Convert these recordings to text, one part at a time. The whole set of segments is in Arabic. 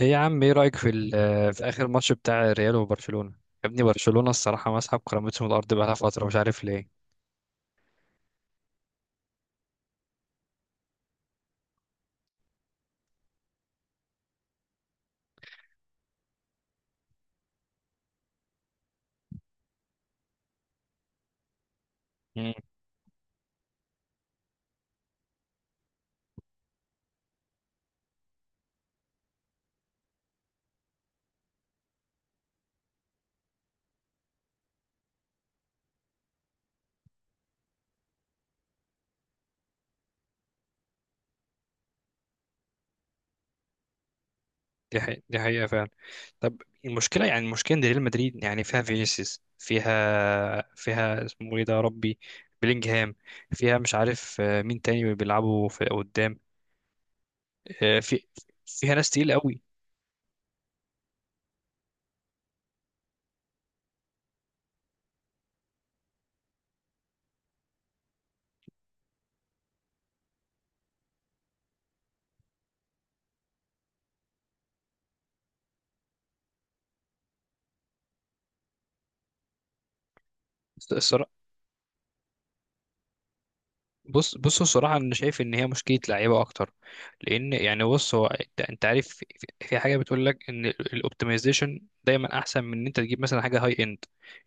ايه يا عم، ايه رأيك في اخر ماتش بتاع ريال وبرشلونة؟ يا ابني، برشلونة الصراحة مسحب كرامتهم. الارض بقالها فترة، مش عارف ليه. مم. دي حقيقة، دي حقيقة فعلا. طب المشكلة ان ريال مدريد يعني فيها فينيسيوس، فيها اسمه ايه ده يا ربي؟ بلينجهام. فيها مش عارف مين تاني بيلعبوا في قدام؟ آه، في فيها ناس تقيلة قوي. بص الصراحة أنا شايف إن هي مشكلة لعيبة أكتر. لأن يعني بص، هو أنت عارف في حاجة بتقول لك إن الأوبتمايزيشن دايما أحسن من إن أنت تجيب مثلا حاجة هاي إند.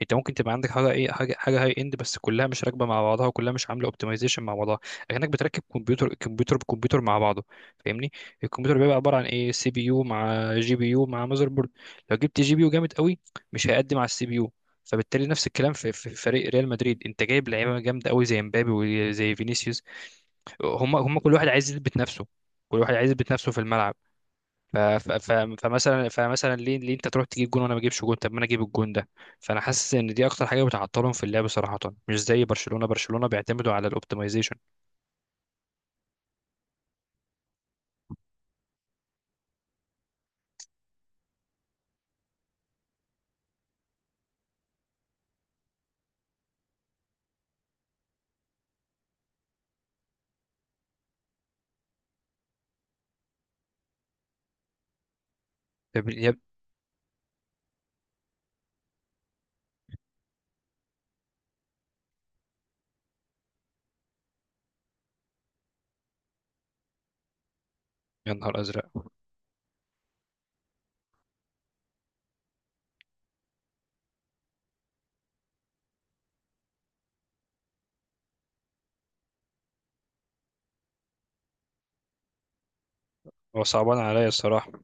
أنت ممكن تبقى عندك حاجة إيه، حاجة هاي إند بس كلها مش راكبة مع بعضها، وكلها مش عاملة أوبتمايزيشن مع بعضها. لكنك بتركب كمبيوتر، كمبيوتر بكمبيوتر مع بعضه. فاهمني؟ الكمبيوتر بيبقى عبارة عن إيه، سي بي يو مع جي بي يو مع ماذر بورد. لو جبت جي بي يو جامد قوي مش هيقدم على السي بي يو. فبالتالي نفس الكلام في فريق ريال مدريد، انت جايب لعيبه جامده قوي زي مبابي وزي فينيسيوس. هم كل واحد عايز يثبت نفسه، كل واحد عايز يثبت نفسه في الملعب. فمثلا ليه انت تروح تجيب جون وانا ما اجيبش جون؟ طب ما انا اجيب الجون ده. فانا حاسس ان دي اكتر حاجه بتعطلهم في اللعب صراحه. مش زي برشلونه، برشلونه بيعتمدوا على الاوبتمايزيشن. طب يا ب- يا نهار ازرق! هو صعبان عليا الصراحه. طب,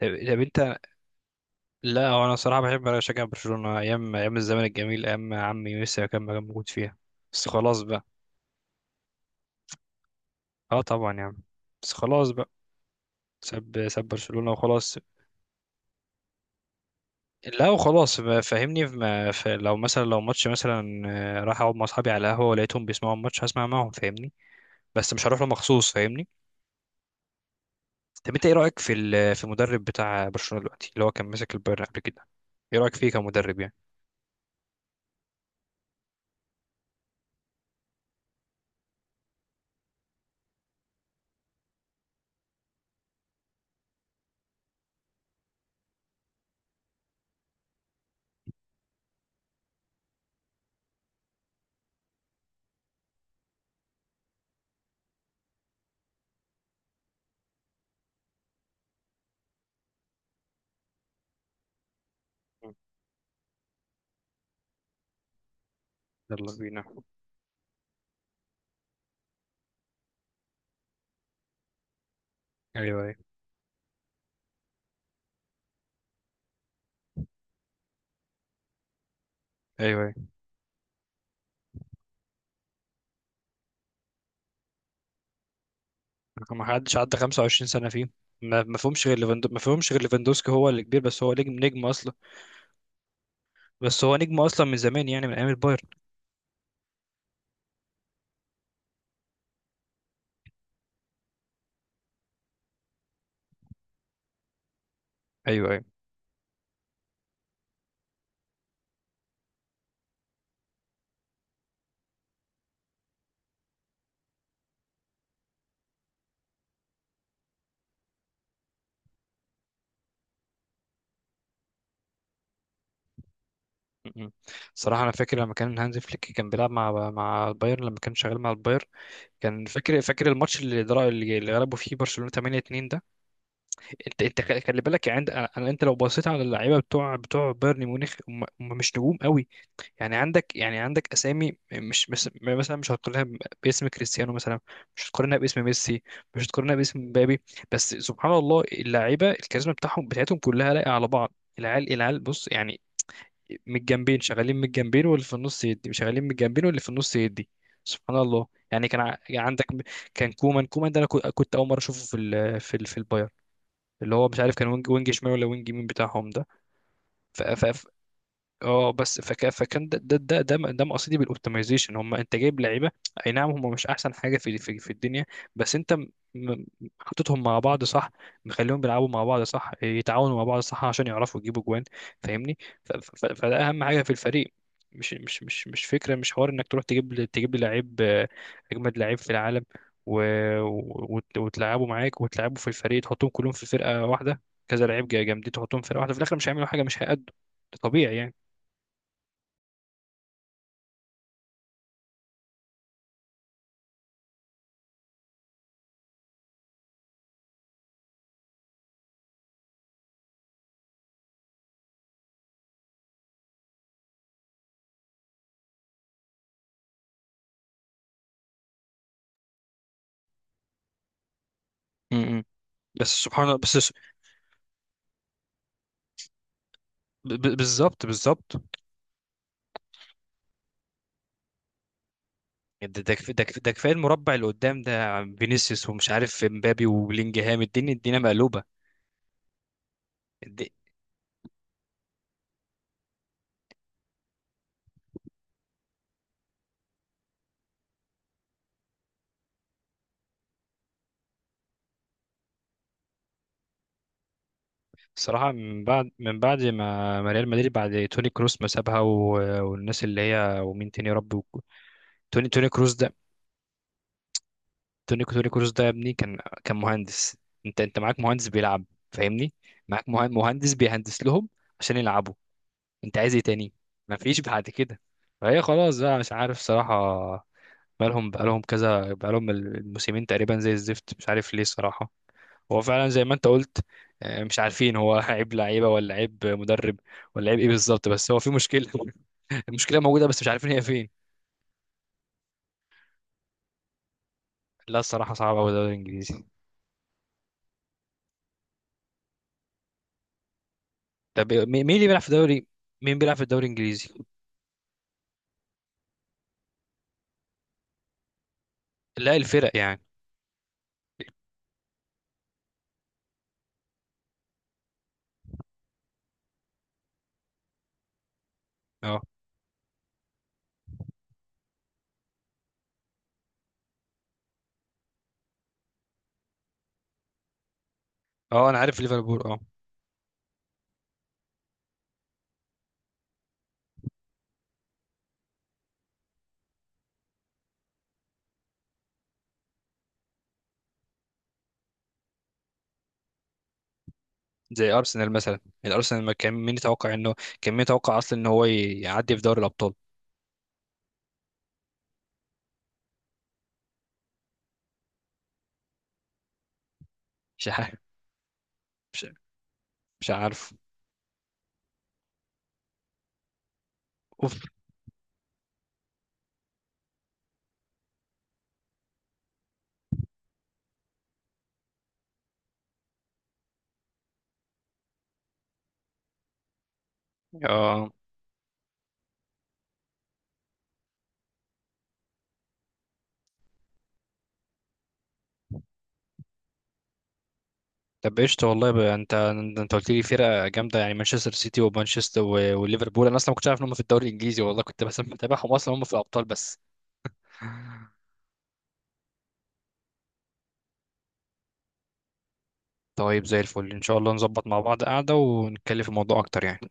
طب انت، لا هو انا صراحه بحب اشجع برشلونه ايام، ايام الزمن الجميل، ايام عمي ميسي كان موجود فيها. بس خلاص بقى. اه طبعا يا عم. بس خلاص بقى. ساب برشلونة وخلاص. لا وخلاص فاهمني، ما ف... لو ماتش مثلا، راح اقعد مع اصحابي على القهوة ولقيتهم بيسمعوا الماتش هسمع معاهم. فاهمني؟ بس مش هروح له مخصوص. فاهمني؟ طب انت ايه رأيك في ال... في المدرب بتاع برشلونة دلوقتي، اللي هو كان ماسك البايرن قبل كده؟ ايه رأيك فيه كمدرب يعني؟ مم. يلا بينا. ايوه، ايوه، ايوه، ايوه. ما حدش عدى 25 سنة فيه. ما فيهمش غير ليفاندوسكي، هو اللي كبير، بس هو نجم، نجم اصلا. بس هو نجم اصلا من زمان، يعني من ايام البايرن. ايوه، ايوه. م- م. صراحة أنا فاكر لما كان هانز فليك كان بيلعب مع البايرن، لما كان شغال مع البايرن، كان فاكر الماتش اللي درا اللي اللي غلبوا فيه برشلونة 8-2 ده. أنت خلي بالك، عند أنا، أنت لو بصيت على اللعيبة بتوع بايرن ميونخ، هم مش نجوم قوي. يعني عندك أسامي مش مثلا، مش هتقارنها باسم كريستيانو مثلا، مش هتقارنها باسم ميسي، مش هتقارنها باسم مبابي. بس سبحان الله، اللعيبة، الكاريزما بتاعتهم كلها لايقة على بعض. العيال بص يعني، من الجنبين شغالين، من الجنبين واللي في النص يدي، شغالين من الجنبين واللي في النص يدي. سبحان الله. يعني عندك، كان كومان ده، انا كنت اول مره اشوفه في البايرن، اللي هو مش عارف كان وينج شمال ولا وينج يمين بتاعهم ده. اه بس فكان ده ده مقصدي بالاوبتمايزيشن. هم انت جايب لعيبه، اي نعم هم مش احسن حاجه في الدنيا، بس انت م- حطيتهم مع بعض صح، مخليهم بيلعبوا مع بعض صح، يتعاونوا مع بعض صح عشان يعرفوا يجيبوا جوان. فاهمني؟ ف... ف... فده اهم حاجه في الفريق. مش فكره، مش حوار انك تروح تجيب لي لعيب، اجمد لعيب في العالم، و... وتلعبه معاك وتلعبه في الفريق، تحطهم كلهم في فرقه واحده. كذا لعيب جامدين تحطهم في فرقه واحده، في الاخر مش هيعملوا حاجه، مش هيأدوا. ده طبيعي يعني. م- م. بس سبحان الله. بالظبط. ده كفايه المربع اللي قدام ده، عم فينيسيوس ومش عارف مبابي وبلينجهام، الدنيا الدنيا مقلوبه. الد- صراحه، من بعد ما ريال مدريد بعد توني كروس ما سابها والناس اللي هي ومين تاني يا رب توني توني كروس ده توني كروس ده يا ابني كان، كان مهندس. انت معاك مهندس بيلعب. فاهمني؟ معاك مهندس بيهندس لهم عشان يلعبوا. انت عايز ايه تاني؟ ما فيش بعد كده. فهي خلاص بقى، مش عارف صراحة. بقالهم كذا، الموسمين تقريبا زي الزفت، مش عارف ليه الصراحة. هو فعلا زي ما انت قلت، مش عارفين هو عيب لعيبة ولا عيب مدرب ولا عيب ايه بالظبط، بس هو في مشكلة. المشكلة موجودة بس مش عارفين هي فين. لا الصراحة صعب أوي الدوري الإنجليزي. طب مين اللي بيلعب في الدوري؟ مين بيلعب في الدوري الإنجليزي؟ لا الفرق يعني. اه، اه، أنا عارف ليفربول، اه. زي أرسنال مثلا، الأرسنال ما كان مين يتوقع إنه، كان مين يتوقع أصلا إن هو يعدي في دوري الأبطال. مش عارف. مش مش عارف. اوف. اه، طب قشطة والله بقى. انت قلت لي فرقة جامدة، يعني مانشستر سيتي، ومانشستر وليفربول. انا اصلا ما كنتش عارف ان هم في الدوري الانجليزي، والله كنت بس متابعهم اصلا هم في الابطال بس. طيب زي الفل ان شاء الله نظبط مع بعض قعدة ونتكلم في الموضوع اكتر يعني.